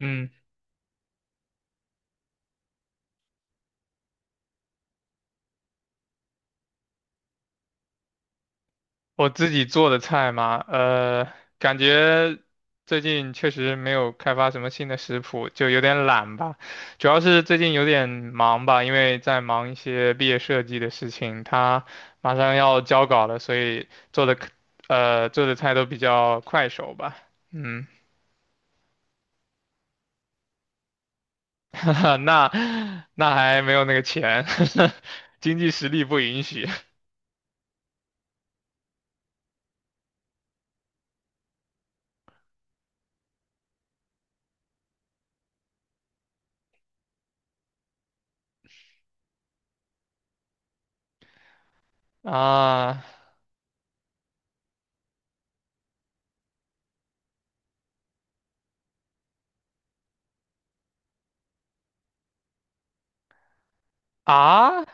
嗯，我自己做的菜嘛，感觉最近确实没有开发什么新的食谱，就有点懒吧。主要是最近有点忙吧，因为在忙一些毕业设计的事情，他马上要交稿了，所以做的可做的菜都比较快手吧。嗯，那那还没有那个钱，经济实力不允许啊啊！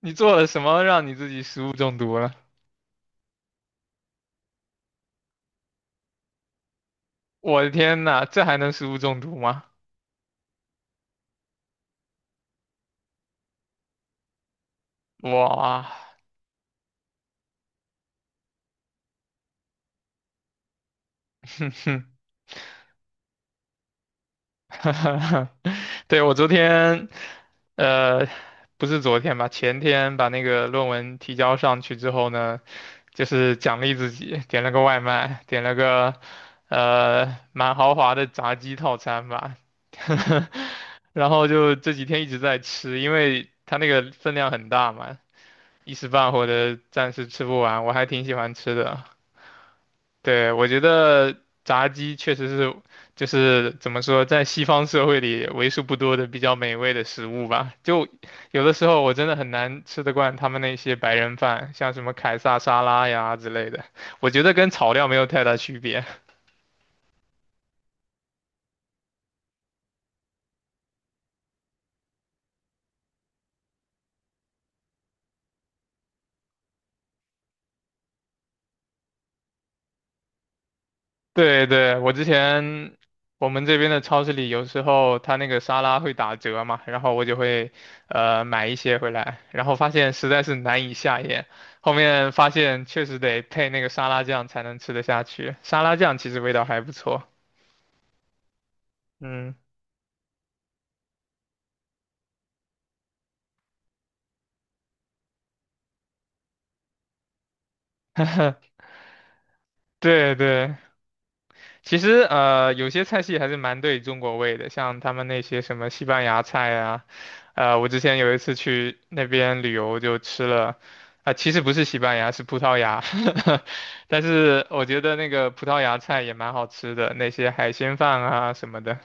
你做了什么让你自己食物中毒了？我的天呐，这还能食物中毒吗？哇，哼哼，对，我昨天，呃，不是昨天吧，前天把那个论文提交上去之后呢，就是奖励自己，点了个外卖，点了个蛮豪华的炸鸡套餐吧，然后就这几天一直在吃，因为它那个分量很大嘛，一时半会儿的暂时吃不完，我还挺喜欢吃的。对，我觉得炸鸡确实是，就是怎么说，在西方社会里为数不多的比较美味的食物吧。就有的时候我真的很难吃得惯他们那些白人饭，像什么凯撒沙拉呀之类的，我觉得跟炒料没有太大区别。对对，我之前我们这边的超市里有时候它那个沙拉会打折嘛，然后我就会买一些回来，然后发现实在是难以下咽，后面发现确实得配那个沙拉酱才能吃得下去，沙拉酱其实味道还不错。嗯，对对，其实有些菜系还是蛮对中国味的，像他们那些什么西班牙菜啊，我之前有一次去那边旅游就吃了，啊、其实不是西班牙，是葡萄牙，但是我觉得那个葡萄牙菜也蛮好吃的，那些海鲜饭啊什么的。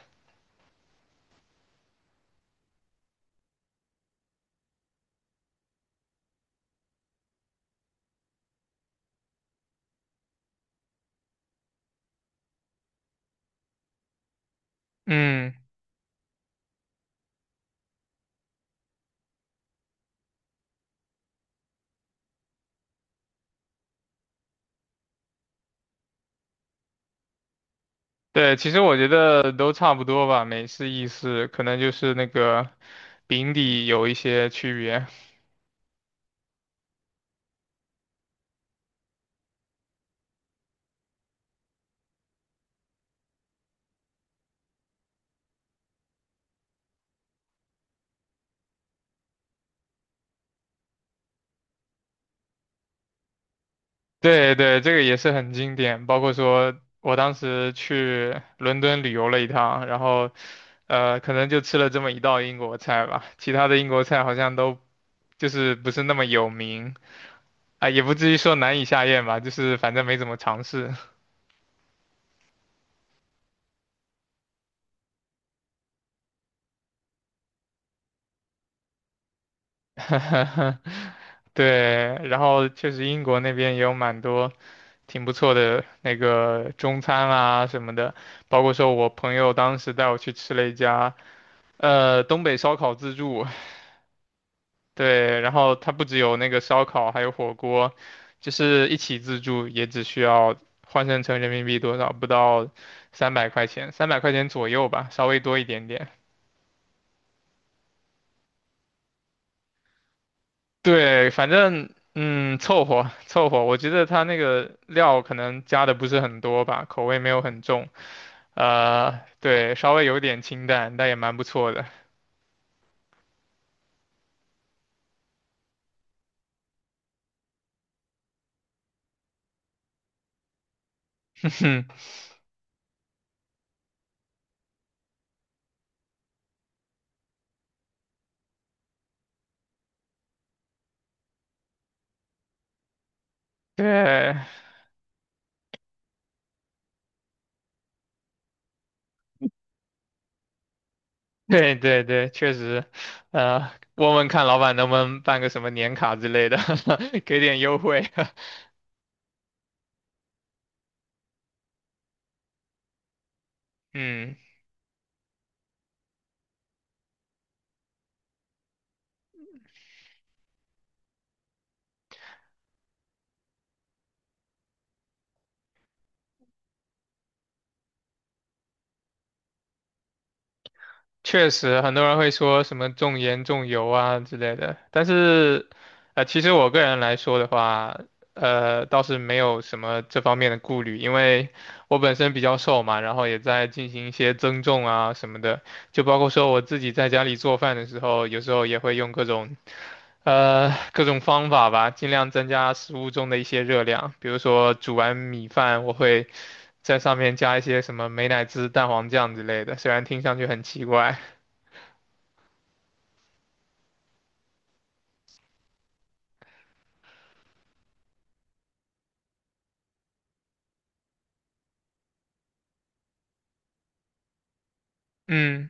嗯，对，其实我觉得都差不多吧，美式、意式，可能就是那个饼底有一些区别。对对，这个也是很经典。包括说我当时去伦敦旅游了一趟，然后可能就吃了这么一道英国菜吧，其他的英国菜好像都就是不是那么有名啊，也不至于说难以下咽吧，就是反正没怎么尝试。对，然后确实英国那边也有蛮多挺不错的那个中餐啊什么的，包括说我朋友当时带我去吃了一家东北烧烤自助，对，然后它不只有那个烧烤，还有火锅，就是一起自助也只需要换算成人民币多少，不到三百块钱，三百块钱左右吧，稍微多一点点。对，反正嗯，凑合凑合。我觉得它那个料可能加的不是很多吧，口味没有很重，对，稍微有点清淡，但也蛮不错的。对，对对对，确实，问问看老板能不能办个什么年卡之类的，给点优惠。嗯，确实，很多人会说什么重盐重油啊之类的，但是，其实我个人来说的话，倒是没有什么这方面的顾虑，因为我本身比较瘦嘛，然后也在进行一些增重啊什么的，就包括说我自己在家里做饭的时候，有时候也会用各种。各种方法吧，尽量增加食物中的一些热量。比如说煮完米饭，我会在上面加一些什么美乃滋、蛋黄酱之类的，虽然听上去很奇怪。嗯，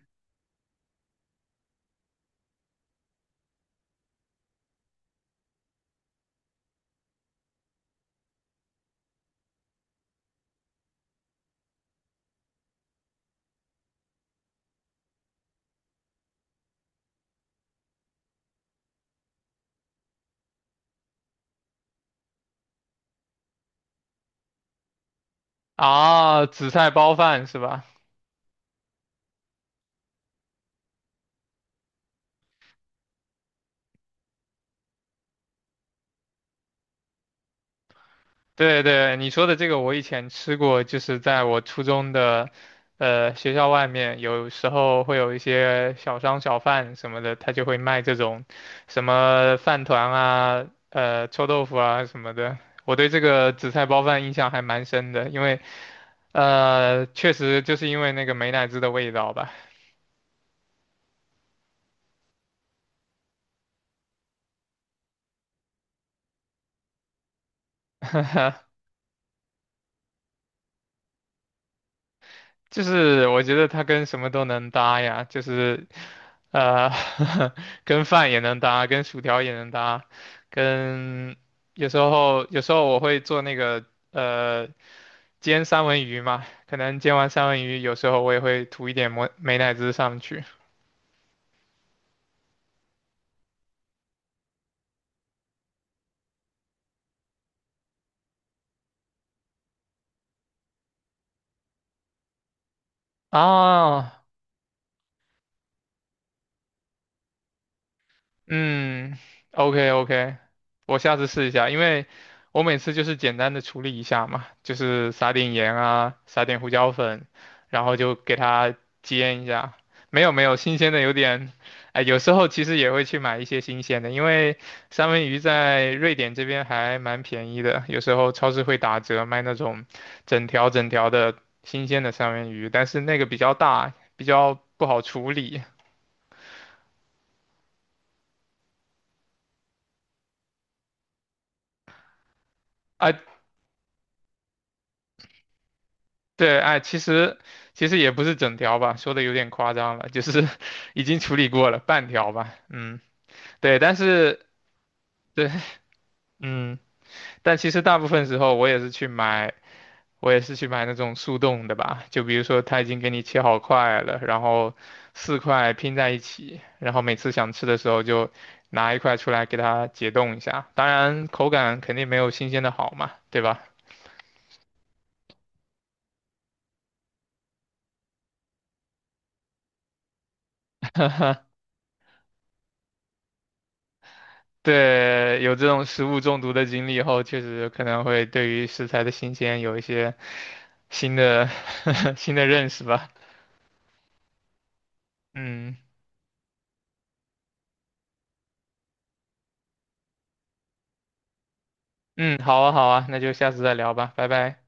啊，紫菜包饭是吧？对对，你说的这个我以前吃过，就是在我初中的，学校外面，有时候会有一些小商小贩什么的，他就会卖这种什么饭团啊、臭豆腐啊什么的。我对这个紫菜包饭印象还蛮深的，因为确实就是因为那个美乃滋的味道吧，就是我觉得它跟什么都能搭呀，就是呃，跟饭也能搭，跟薯条也能搭，跟有时候我会做那个呃煎三文鱼嘛，可能煎完三文鱼，有时候我也会涂一点美乃滋上去啊，哦嗯，OK OK，我下次试一下，因为我每次就是简单的处理一下嘛，就是撒点盐啊，撒点胡椒粉，然后就给它煎一下。没有没有，新鲜的有点，哎，有时候其实也会去买一些新鲜的，因为三文鱼在瑞典这边还蛮便宜的，有时候超市会打折卖那种整条整条的新鲜的三文鱼，但是那个比较大，比较不好处理。啊，对，哎，其实也不是整条吧，说的有点夸张了，就是 已经处理过了半条吧，嗯，对，但是对，嗯，但其实大部分时候我也是去买，我也是去买那种速冻的吧，就比如说他已经给你切好块了，然后4块拼在一起，然后每次想吃的时候就拿一块出来给它解冻一下，当然口感肯定没有新鲜的好嘛，对吧？对，有这种食物中毒的经历后，确实可能会对于食材的新鲜有一些新的 新的认识吧。嗯嗯，好啊好啊，那就下次再聊吧，拜拜。